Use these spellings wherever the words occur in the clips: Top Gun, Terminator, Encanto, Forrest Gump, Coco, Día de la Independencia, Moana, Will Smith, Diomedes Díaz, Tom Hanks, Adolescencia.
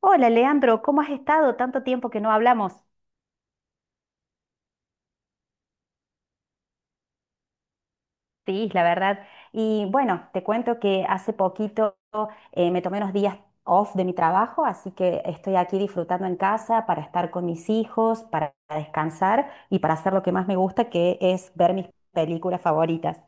Hola, Leandro, ¿cómo has estado? Tanto tiempo que no hablamos. Sí, la verdad. Y bueno, te cuento que hace poquito me tomé unos días off de mi trabajo, así que estoy aquí disfrutando en casa para estar con mis hijos, para descansar y para hacer lo que más me gusta, que es ver mis películas favoritas.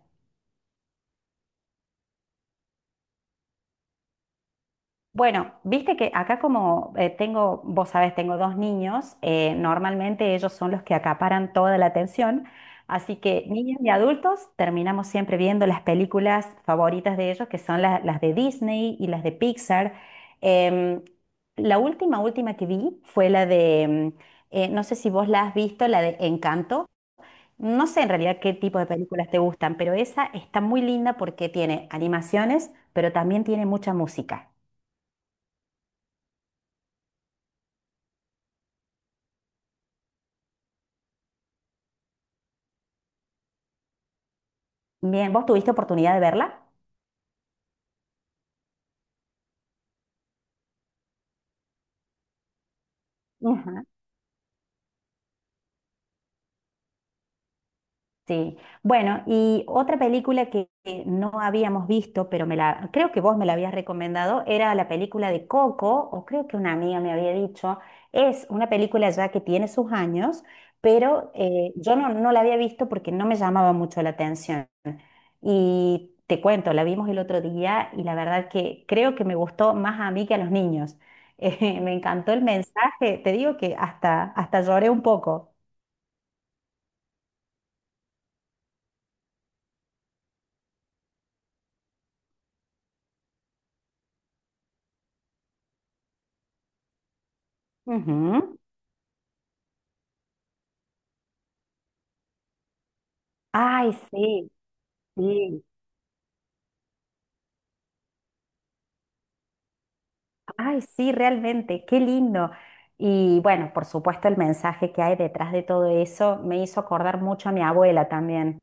Bueno, viste que acá como tengo, vos sabés, tengo dos niños, normalmente ellos son los que acaparan toda la atención, así que niños y adultos terminamos siempre viendo las películas favoritas de ellos, que son las de Disney y las de Pixar. Em, la última, última que vi fue la de, no sé si vos la has visto, la de Encanto. No sé en realidad qué tipo de películas te gustan, pero esa está muy linda porque tiene animaciones, pero también tiene mucha música. Bien, ¿vos tuviste oportunidad de verla? Ajá. Sí. Bueno, y otra película que no habíamos visto, pero me la, creo que vos me la habías recomendado, era la película de Coco, o creo que una amiga me había dicho. Es una película ya que tiene sus años, pero yo no la había visto porque no me llamaba mucho la atención. Y te cuento, la vimos el otro día y la verdad que creo que me gustó más a mí que a los niños. Me encantó el mensaje, te digo que hasta lloré un poco. Ujú. Ay, sí, sí, ay, sí, realmente, qué lindo. Y bueno, por supuesto, el mensaje que hay detrás de todo eso me hizo acordar mucho a mi abuela también,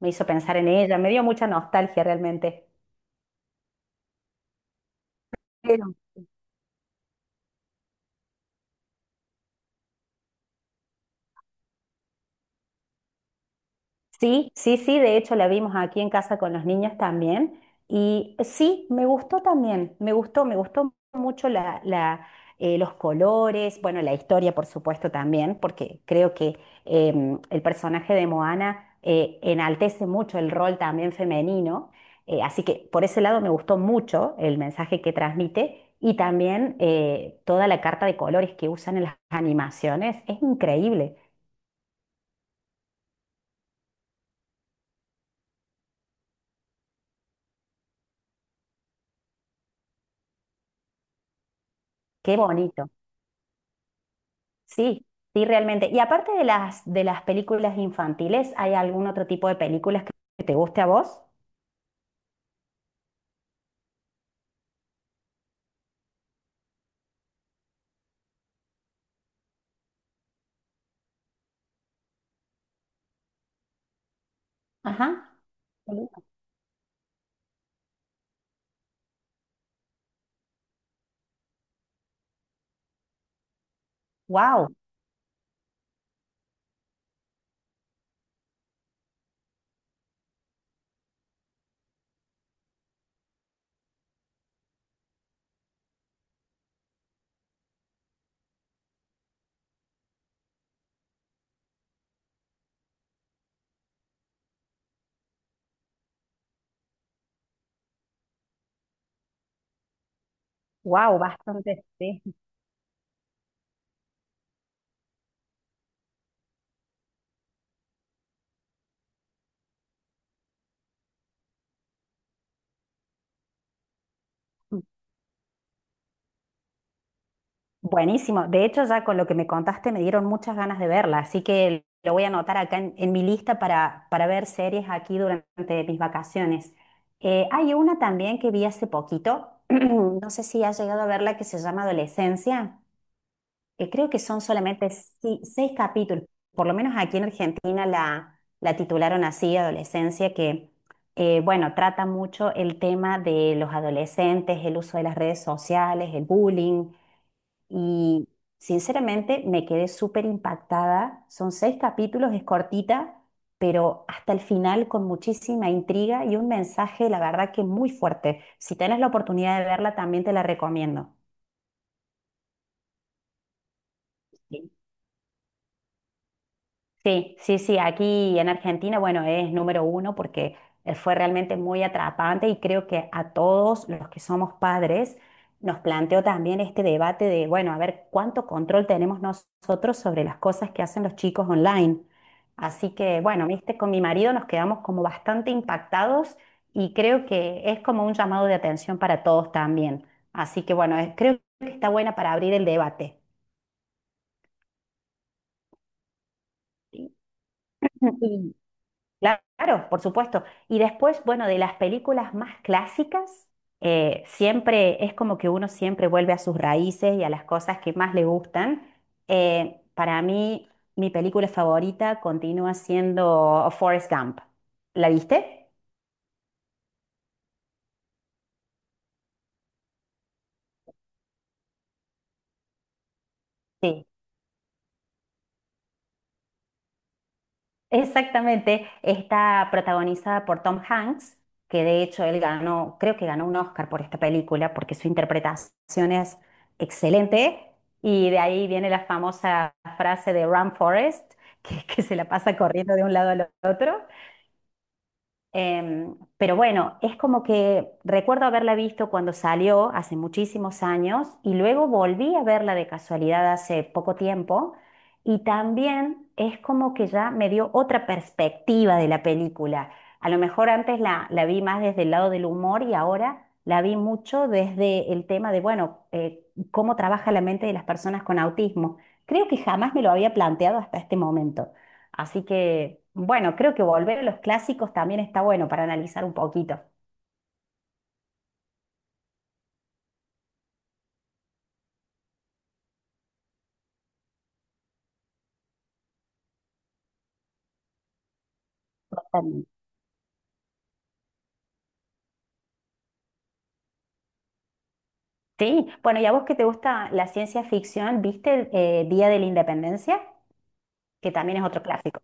me hizo pensar en ella, me dio mucha nostalgia realmente. Pero sí, sí, sí, de hecho la vimos aquí en casa con los niños también. Y sí, me gustó también, me gustó mucho los colores, bueno, la historia por supuesto también, porque creo que el personaje de Moana enaltece mucho el rol también femenino. Así que por ese lado me gustó mucho el mensaje que transmite y también toda la carta de colores que usan en las animaciones. Es increíble, qué bonito. Sí, sí, realmente. Y aparte de las películas infantiles, ¿hay algún otro tipo de películas que te guste a vos? Ajá. Wow, wow, bastante. Sí. Buenísimo. De hecho, ya con lo que me contaste me dieron muchas ganas de verla, así que lo voy a anotar acá en mi lista para ver series aquí durante mis vacaciones. Hay una también que vi hace poquito, no sé si has llegado a verla, que se llama Adolescencia. Creo que son solamente seis capítulos, por lo menos aquí en Argentina la titularon así, Adolescencia, que bueno, trata mucho el tema de los adolescentes, el uso de las redes sociales, el bullying, y sinceramente me quedé súper impactada. Son seis capítulos, es cortita, pero hasta el final con muchísima intriga y un mensaje, la verdad que muy fuerte. Si tenés la oportunidad de verla, también te la recomiendo. Sí, sí, sí, aquí en Argentina, bueno, es número uno porque fue realmente muy atrapante y creo que a todos los que somos padres nos planteó también este debate de, bueno, a ver, ¿cuánto control tenemos nosotros sobre las cosas que hacen los chicos online? Así que, bueno, viste, con mi marido nos quedamos como bastante impactados y creo que es como un llamado de atención para todos también. Así que, bueno, creo que está buena para abrir el debate. Y claro, por supuesto. Y después, bueno, de las películas más clásicas, siempre es como que uno siempre vuelve a sus raíces y a las cosas que más le gustan. Para mí, mi película favorita continúa siendo Forrest Gump. ¿La viste? Sí. Exactamente, está protagonizada por Tom Hanks, que de hecho él ganó, creo que ganó un Oscar por esta película, porque su interpretación es excelente, y de ahí viene la famosa frase de Run Forest, que se la pasa corriendo de un lado al otro. Pero bueno, es como que recuerdo haberla visto cuando salió hace muchísimos años y luego volví a verla de casualidad hace poco tiempo y también es como que ya me dio otra perspectiva de la película. A lo mejor antes la vi más desde el lado del humor y ahora la vi mucho desde el tema de, bueno, cómo trabaja la mente de las personas con autismo. Creo que jamás me lo había planteado hasta este momento. Así que, bueno, creo que volver a los clásicos también está bueno para analizar un poquito. Totalmente. Sí, bueno, y a vos que te gusta la ciencia ficción, ¿viste Día de la Independencia? Que también es otro clásico.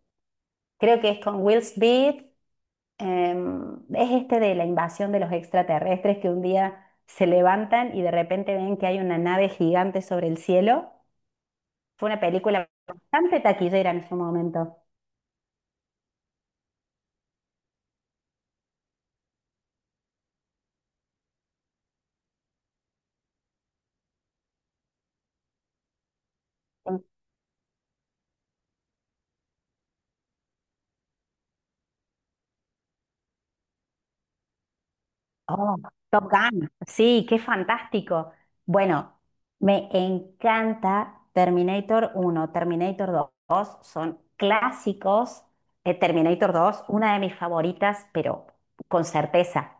Creo que es con Will Smith, es este de la invasión de los extraterrestres que un día se levantan y de repente ven que hay una nave gigante sobre el cielo. Fue una película bastante taquillera en su momento. Oh, Top Gun. Sí, qué fantástico. Bueno, me encanta Terminator 1, Terminator 2, son clásicos. Terminator 2, una de mis favoritas, pero con certeza.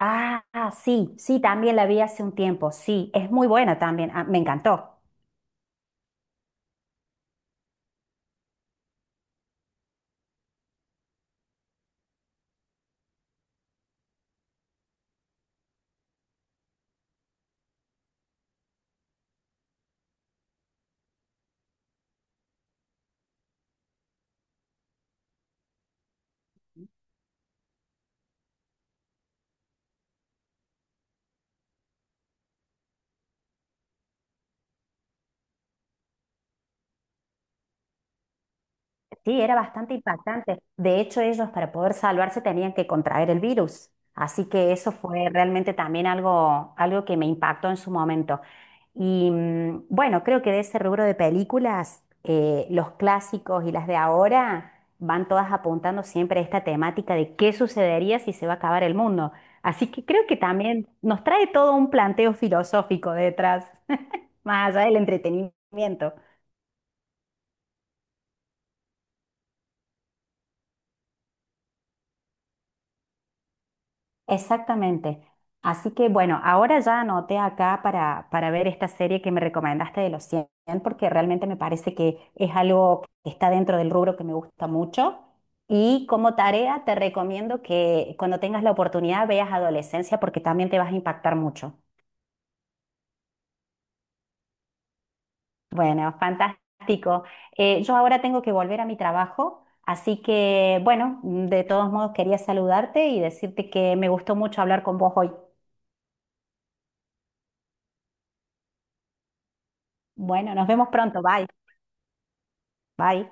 Ah, ah, sí, sí, también la vi hace un tiempo. Sí, es muy buena también. Ah, me encantó. Sí, era bastante impactante. De hecho, ellos para poder salvarse tenían que contraer el virus. Así que eso fue realmente también algo, algo que me impactó en su momento. Y bueno, creo que de ese rubro de películas, los clásicos y las de ahora van todas apuntando siempre a esta temática de qué sucedería si se va a acabar el mundo. Así que creo que también nos trae todo un planteo filosófico detrás, más allá del entretenimiento. Exactamente. Así que bueno, ahora ya anoté acá para ver esta serie que me recomendaste de los 100 porque realmente me parece que es algo que está dentro del rubro que me gusta mucho. Y como tarea te recomiendo que cuando tengas la oportunidad veas Adolescencia porque también te vas a impactar mucho. Bueno, fantástico. Yo ahora tengo que volver a mi trabajo, así que bueno, de todos modos quería saludarte y decirte que me gustó mucho hablar con vos hoy. Bueno, nos vemos pronto. Bye. Bye.